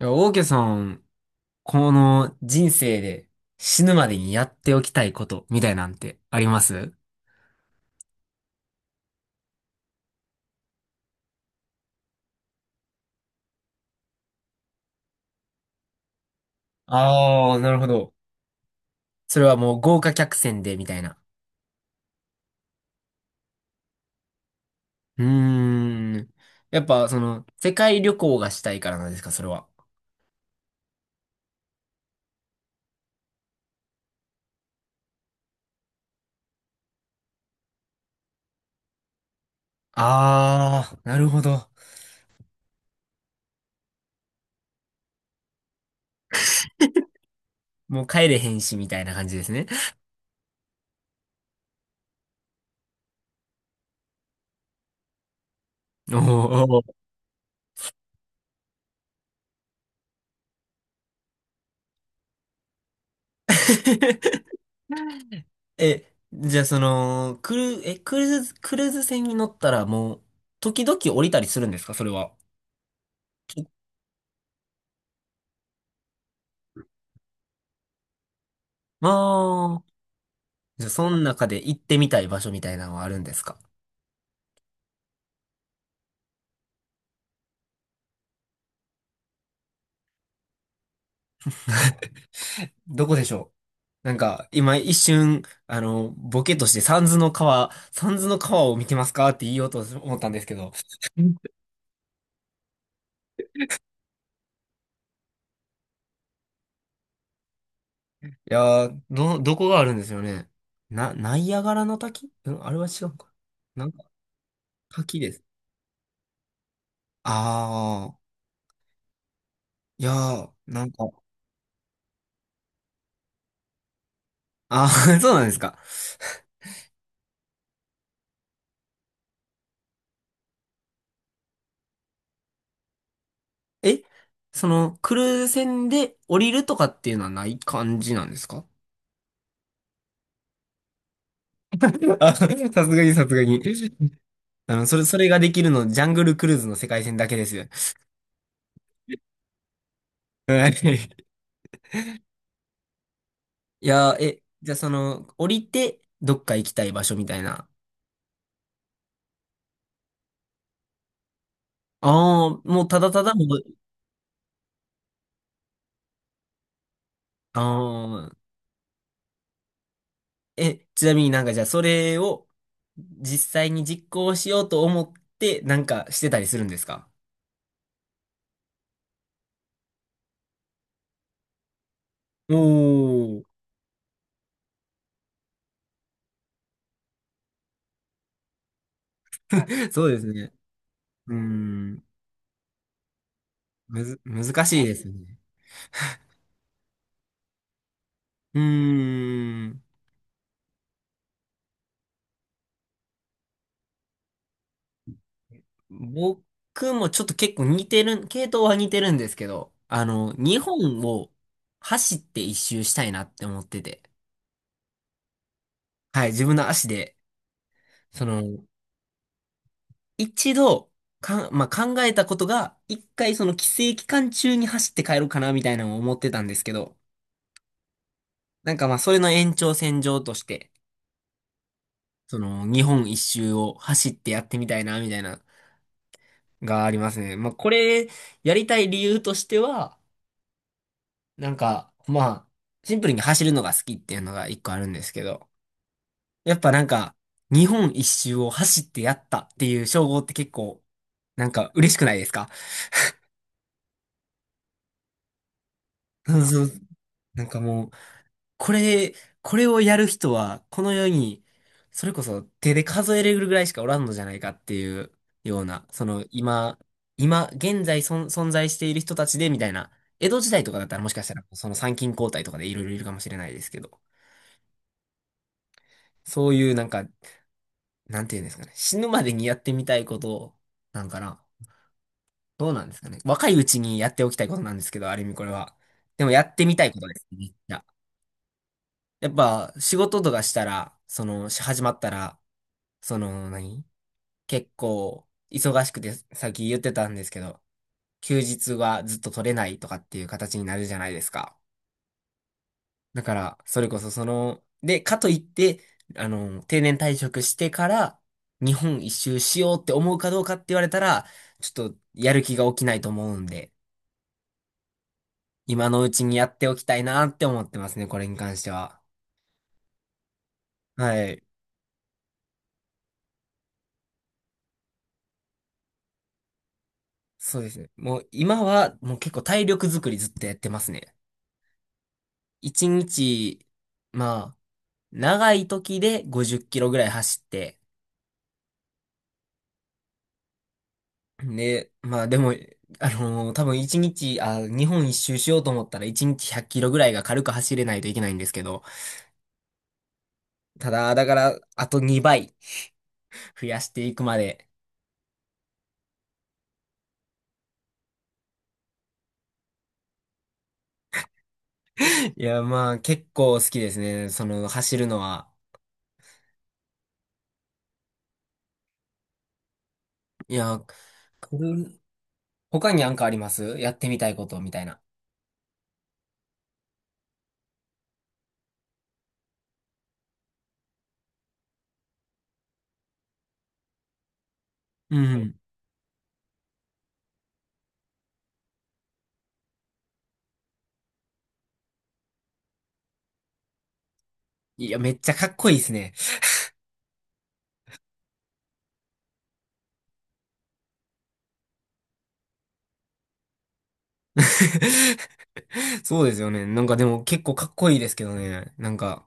いや、オーケーさん、この人生で死ぬまでにやっておきたいことみたいなんてありますああ、なるほど。それはもう豪華客船でみたいな。うーん。やっぱその世界旅行がしたいからなんですか、それは。ああ、なるほど。もう帰れへんしみたいな感じですね。おー。え、じゃあその、クル、え、クルーズ、クルーズ船に乗ったらもう時々降りたりするんですか、それは。ああ、じゃあ、その中で行ってみたい場所みたいなのはあるんですか？ どこでしょうなんか、今一瞬、ボケとして三途の川、三途の川を見てますかって言おうと思ったんですけど。いやー、ど、どこがあるんですよね。な、ナイアガラの滝うんあれは違うか。なんか、滝です。ああ、いやー、なんか、ああ、そうなんですか。え、その、クルーズ船で降りるとかっていうのはない感じなんですか？ あ、さすがにさすがに。うん、それ、それができるの、ジャングルクルーズの世界線だけですよ。はい。いやー、え、じゃあその、降りて、どっか行きたい場所みたいな。ああ、もうただただもう、ああ、え、ちなみになんかじゃあそれを、実際に実行しようと思って、なんかしてたりするんですか？お。おー、そうですね。うーん、むず、難しいですね。うーん。僕もちょっと結構似てる、系統は似てるんですけど、日本を走って一周したいなって思ってて。はい、自分の足で、その、一度、かん、まあ、考えたことが、一回その帰省期間中に走って帰ろうかな、みたいなのを思ってたんですけど、なんかまあ、それの延長線上として、その、日本一周を走ってやってみたいな、みたいな、がありますね。まあ、これ、やりたい理由としては、なんか、まあ、シンプルに走るのが好きっていうのが一個あるんですけど、やっぱなんか、日本一周を走ってやったっていう称号って結構、なんか嬉しくないですか？そうそう。なんかもう、これ、これをやる人は、この世に、それこそ手で数えれるぐらいしかおらんのじゃないかっていうような、その今、今、現在存在している人たちでみたいな、江戸時代とかだったらもしかしたら、その参勤交代とかでいろいろいるかもしれないですけど、そういうなんかなんていうんですかね。死ぬまでにやってみたいことなんかな。どうなんですかね。若いうちにやっておきたいことなんですけど、ある意味これは。でもやってみたいことですね。めっちゃやっぱ仕事とかしたら、その、し始まったら、その何、結構忙しくて、さっき言ってたんですけど、休日はずっと取れないとかっていう形になるじゃないですか。だから、それこそその、で、かといって、定年退職してから、日本一周しようって思うかどうかって言われたら、ちょっとやる気が起きないと思うんで、今のうちにやっておきたいなって思ってますね、これに関しては。はい。そうですね。もう今は、もう結構体力作りずっとやってますね。一日、まあ、長い時で50キロぐらい走って、で、まあでも、多分一日、あ、日本一周しようと思ったら一日100キロぐらいが軽く走れないといけないんですけど、ただ、だから、あと2倍増やしていくまで。いや、まあ結構好きですね。その、走るのは。いや、これ他になんかありますやってみたいことみたいな。うん。いや、めっちゃかっこいいですね。そうですよね。なんかでも結構かっこいいですけどね。なんか、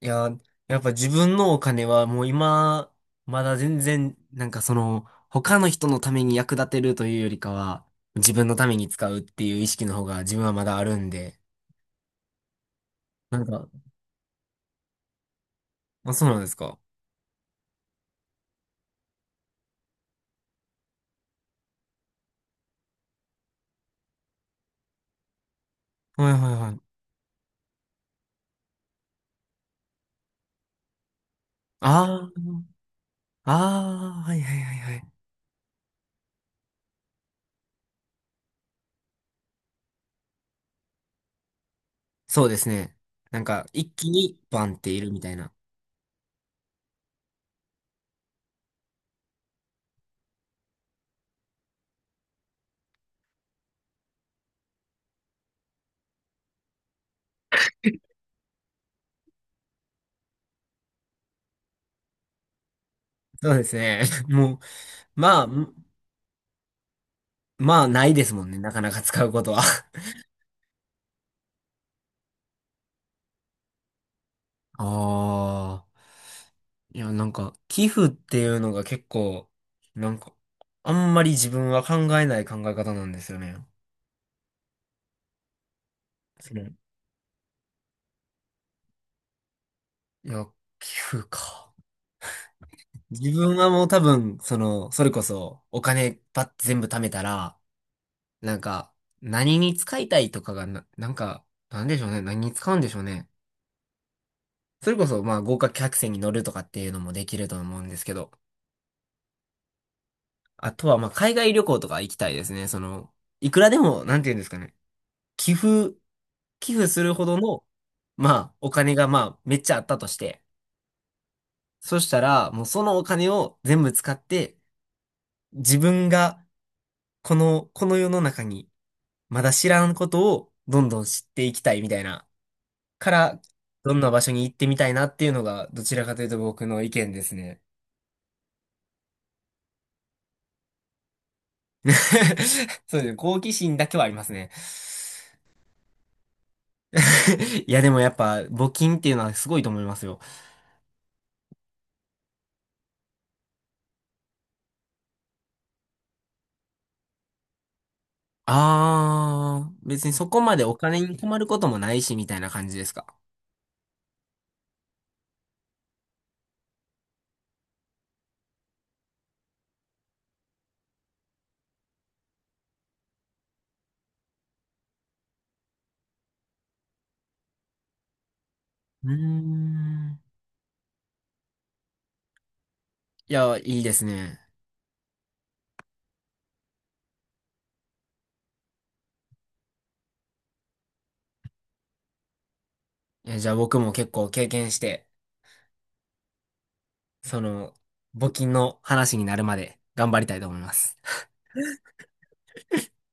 いや、やっぱ自分のお金はもう今、まだ全然、なんかその、他の人のために役立てるというよりかは、自分のために使うっていう意識の方が自分はまだあるんで、なんか、あ、そうなんですか。はいはいはい。ああ、ああ、はいはいはいはい。そうですね。なんか、一気にバンっているみたいな。そうですね。もう、まあ、まあ、ないですもんね。なかなか使うことは。ああ。いや、なんか、寄付っていうのが結構、なんか、あんまり自分は考えない考え方なんですよね。その、いや、寄付か。自分はもう多分、その、それこそ、お金ばって全部貯めたら、なんか、何に使いたいとかがな、なんか、なんでしょうね。何に使うんでしょうね。それこそ、まあ、豪華客船に乗るとかっていうのもできると思うんですけど、あとは、まあ、海外旅行とか行きたいですね。その、いくらでも、なんていうんですかね。寄付、寄付するほどの、まあ、お金がまあ、めっちゃあったとして、そしたら、もうそのお金を全部使って、自分が、この、この世の中に、まだ知らんことを、どんどん知っていきたいみたいな、から、どんな場所に行ってみたいなっていうのが、どちらかというと僕の意見ですね。そうですね、好奇心だけはありますね。いや、でもやっぱ、募金っていうのはすごいと思いますよ。ああ、別にそこまでお金に困ることもないし、みたいな感じですか。うーん。いや、いいですね。いやじゃあ僕も結構経験して、その、募金の話になるまで頑張りたいと思います。